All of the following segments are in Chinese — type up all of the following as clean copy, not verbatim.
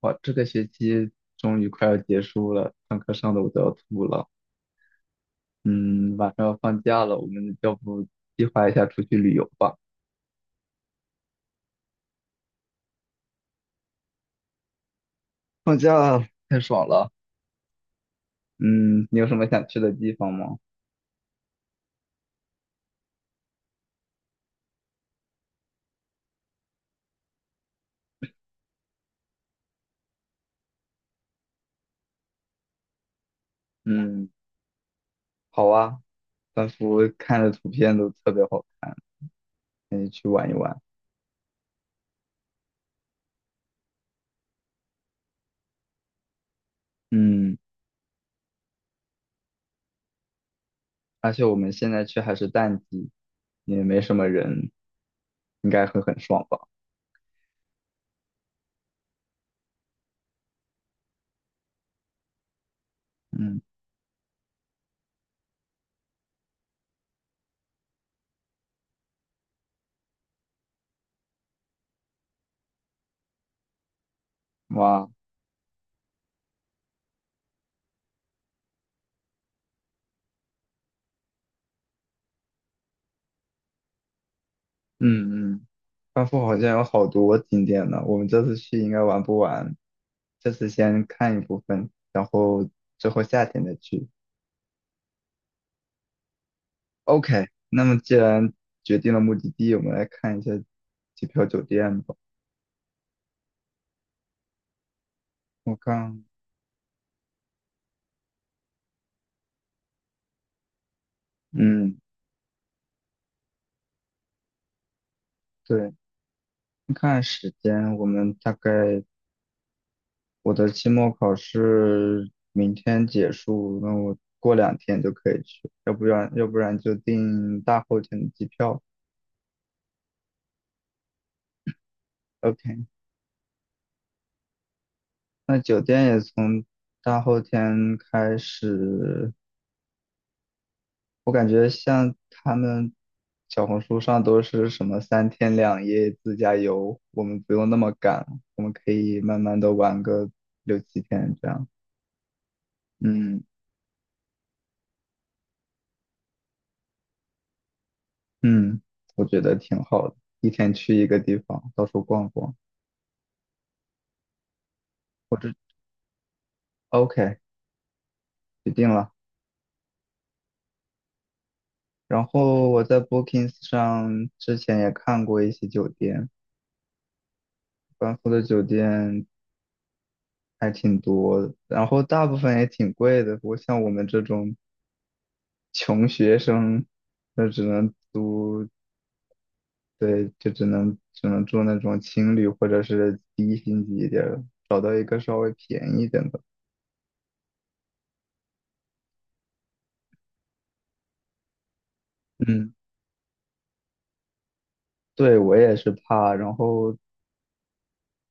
哇，这个学期终于快要结束了，上课上的我都要吐了。嗯，马上要放假了，我们要不计划一下出去旅游吧？放假太爽了。嗯，你有什么想去的地方吗？嗯，好啊，仿佛看着图片都特别好看，可以去玩一玩。嗯，而且我们现在去还是淡季，也没什么人，应该会很爽吧？嗯，哇，嗯嗯。班夫好像有好多景点呢，我们这次去应该玩不完，这次先看一部分，然后之后夏天再去。OK，那么既然决定了目的地，我们来看一下机票、酒店吧。我看，嗯，对，看时间，我们大概我的期末考试明天结束，那我过两天就可以去，要不然就订大后天的机票。OK。那酒店也从大后天开始，我感觉像他们小红书上都是什么三天两夜自驾游，我们不用那么赶，我们可以慢慢的玩个六七天这样。嗯嗯，我觉得挺好的，一天去一个地方，到处逛逛。我这 OK 决定了。然后我在 Bookings 上之前也看过一些酒店，班夫的酒店还挺多的，然后大部分也挺贵的。不过像我们这种穷学生，那只能租，对，就只能住那种青旅或者是低星级一点儿的，找到一个稍微便宜一点的。嗯，对，我也是怕。然后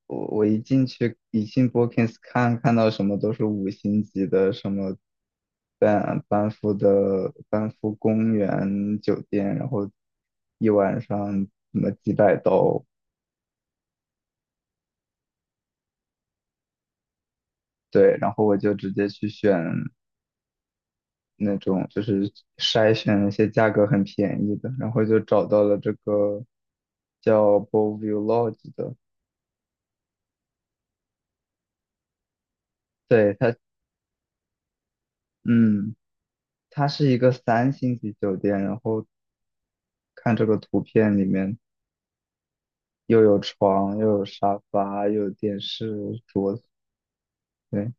我一进去，一进 Bookings 看，看到什么都是5星级的，什么班夫公园酒店，然后一晚上什么几百刀，对，然后我就直接去选那种，就是筛选那些价格很便宜的，然后就找到了这个叫 b o l l e v u e Lodge 的，对它，嗯，它是一个3星级酒店，然后看这个图片里面又有床，又有沙发，又有电视、桌子，对，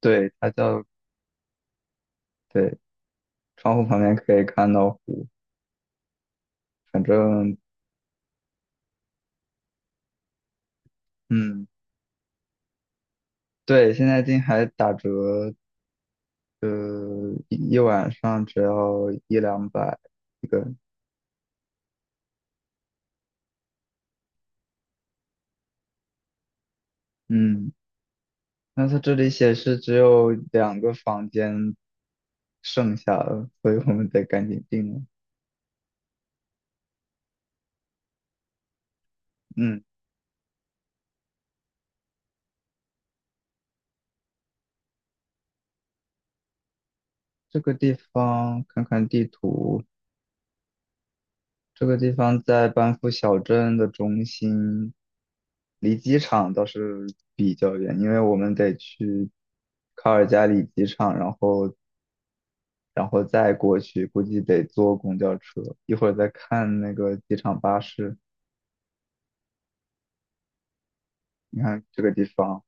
对，它叫，对，窗户旁边可以看到湖，反正，嗯，对，现在进还打折一晚上只要一两百一个人，嗯，那它这里显示只有2个房间剩下了，所以我们得赶紧定了。嗯，这个地方看看地图，这个地方在班夫小镇的中心，离机场倒是比较远，因为我们得去卡尔加里机场，然后再过去，估计得坐公交车。一会儿再看那个机场巴士。你看这个地方，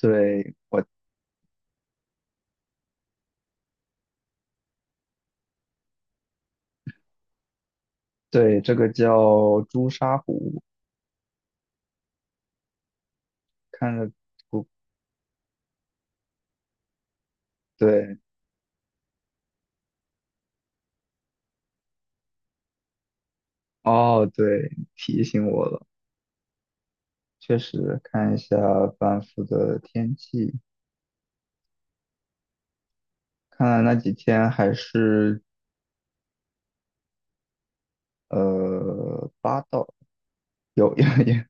对，我对这个叫朱砂湖，看着不对，哦，对，提醒我了，确实看一下班夫的天气，看来那几天还是呃八到有有有，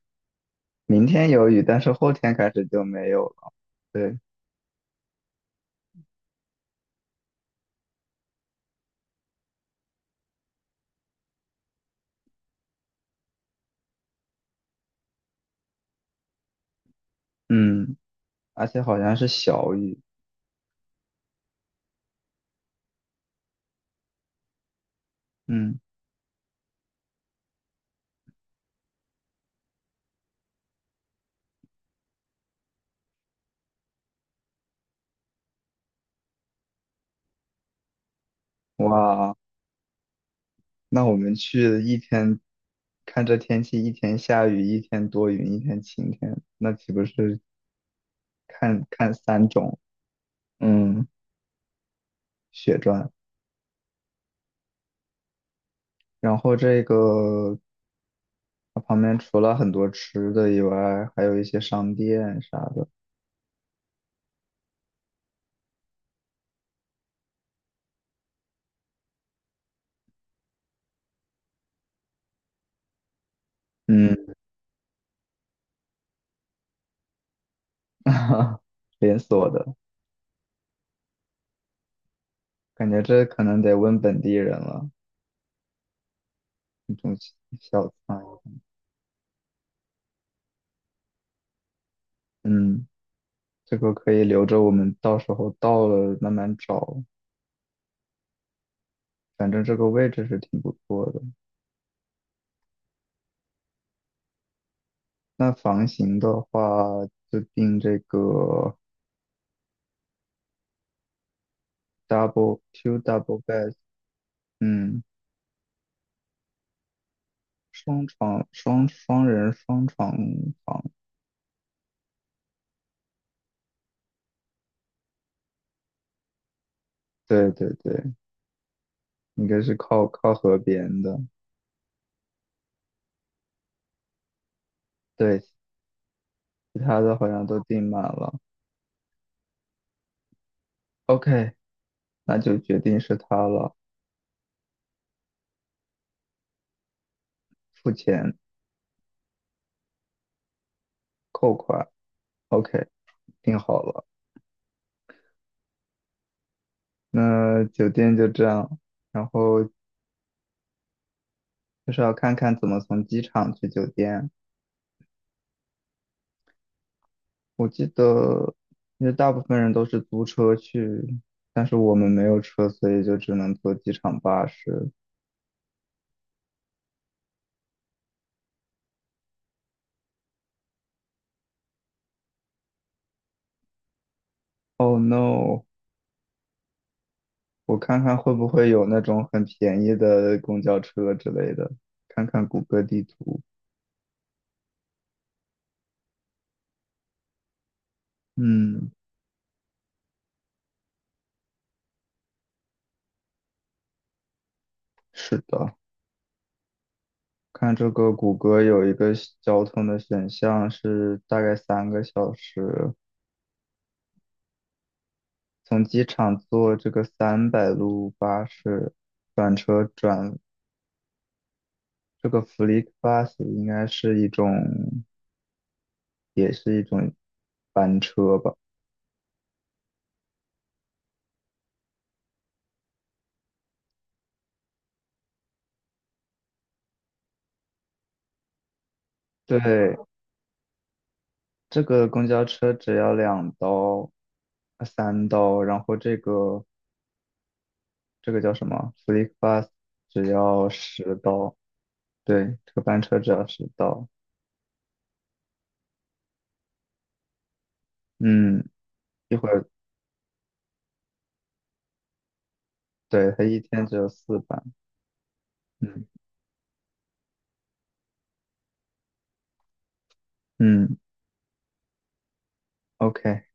明天有雨，但是后天开始就没有了，对，嗯，而且好像是小雨，嗯，哇。那我们去一天，看这天气，一天下雨，一天多云，一天晴天，那岂不是看看三种，嗯，血赚？然后这个它旁边除了很多吃的以外，还有一些商店啥的，嗯，连锁的，感觉这可能得问本地人了，那种小餐，嗯，这个可以留着我们到时候到了慢慢找，反正这个位置是挺不错的。那房型的话，就定这个 double two double bed，嗯，双人双床房，对对对，应该是靠河边的，对，其他的好像都订满了。OK，那就决定是他了，付钱扣款。OK，定好了，那酒店就这样，然后就是要看看怎么从机场去酒店。我记得，因为大部分人都是租车去，但是我们没有车，所以就只能坐机场巴士。哦 no！我看看会不会有那种很便宜的公交车之类的，看看谷歌地图。嗯，是的，看这个谷歌有一个选交通的选项是大概3个小时，从机场坐这个300路巴士转车转这个 FlixBus 应该是一种。也是一种班车吧。对，这个公交车只要2刀、3刀，然后这个叫什么？FlixBus 只要十刀。对，这个班车只要十刀。嗯，一会儿，对，它一天只有4班。嗯嗯，OK。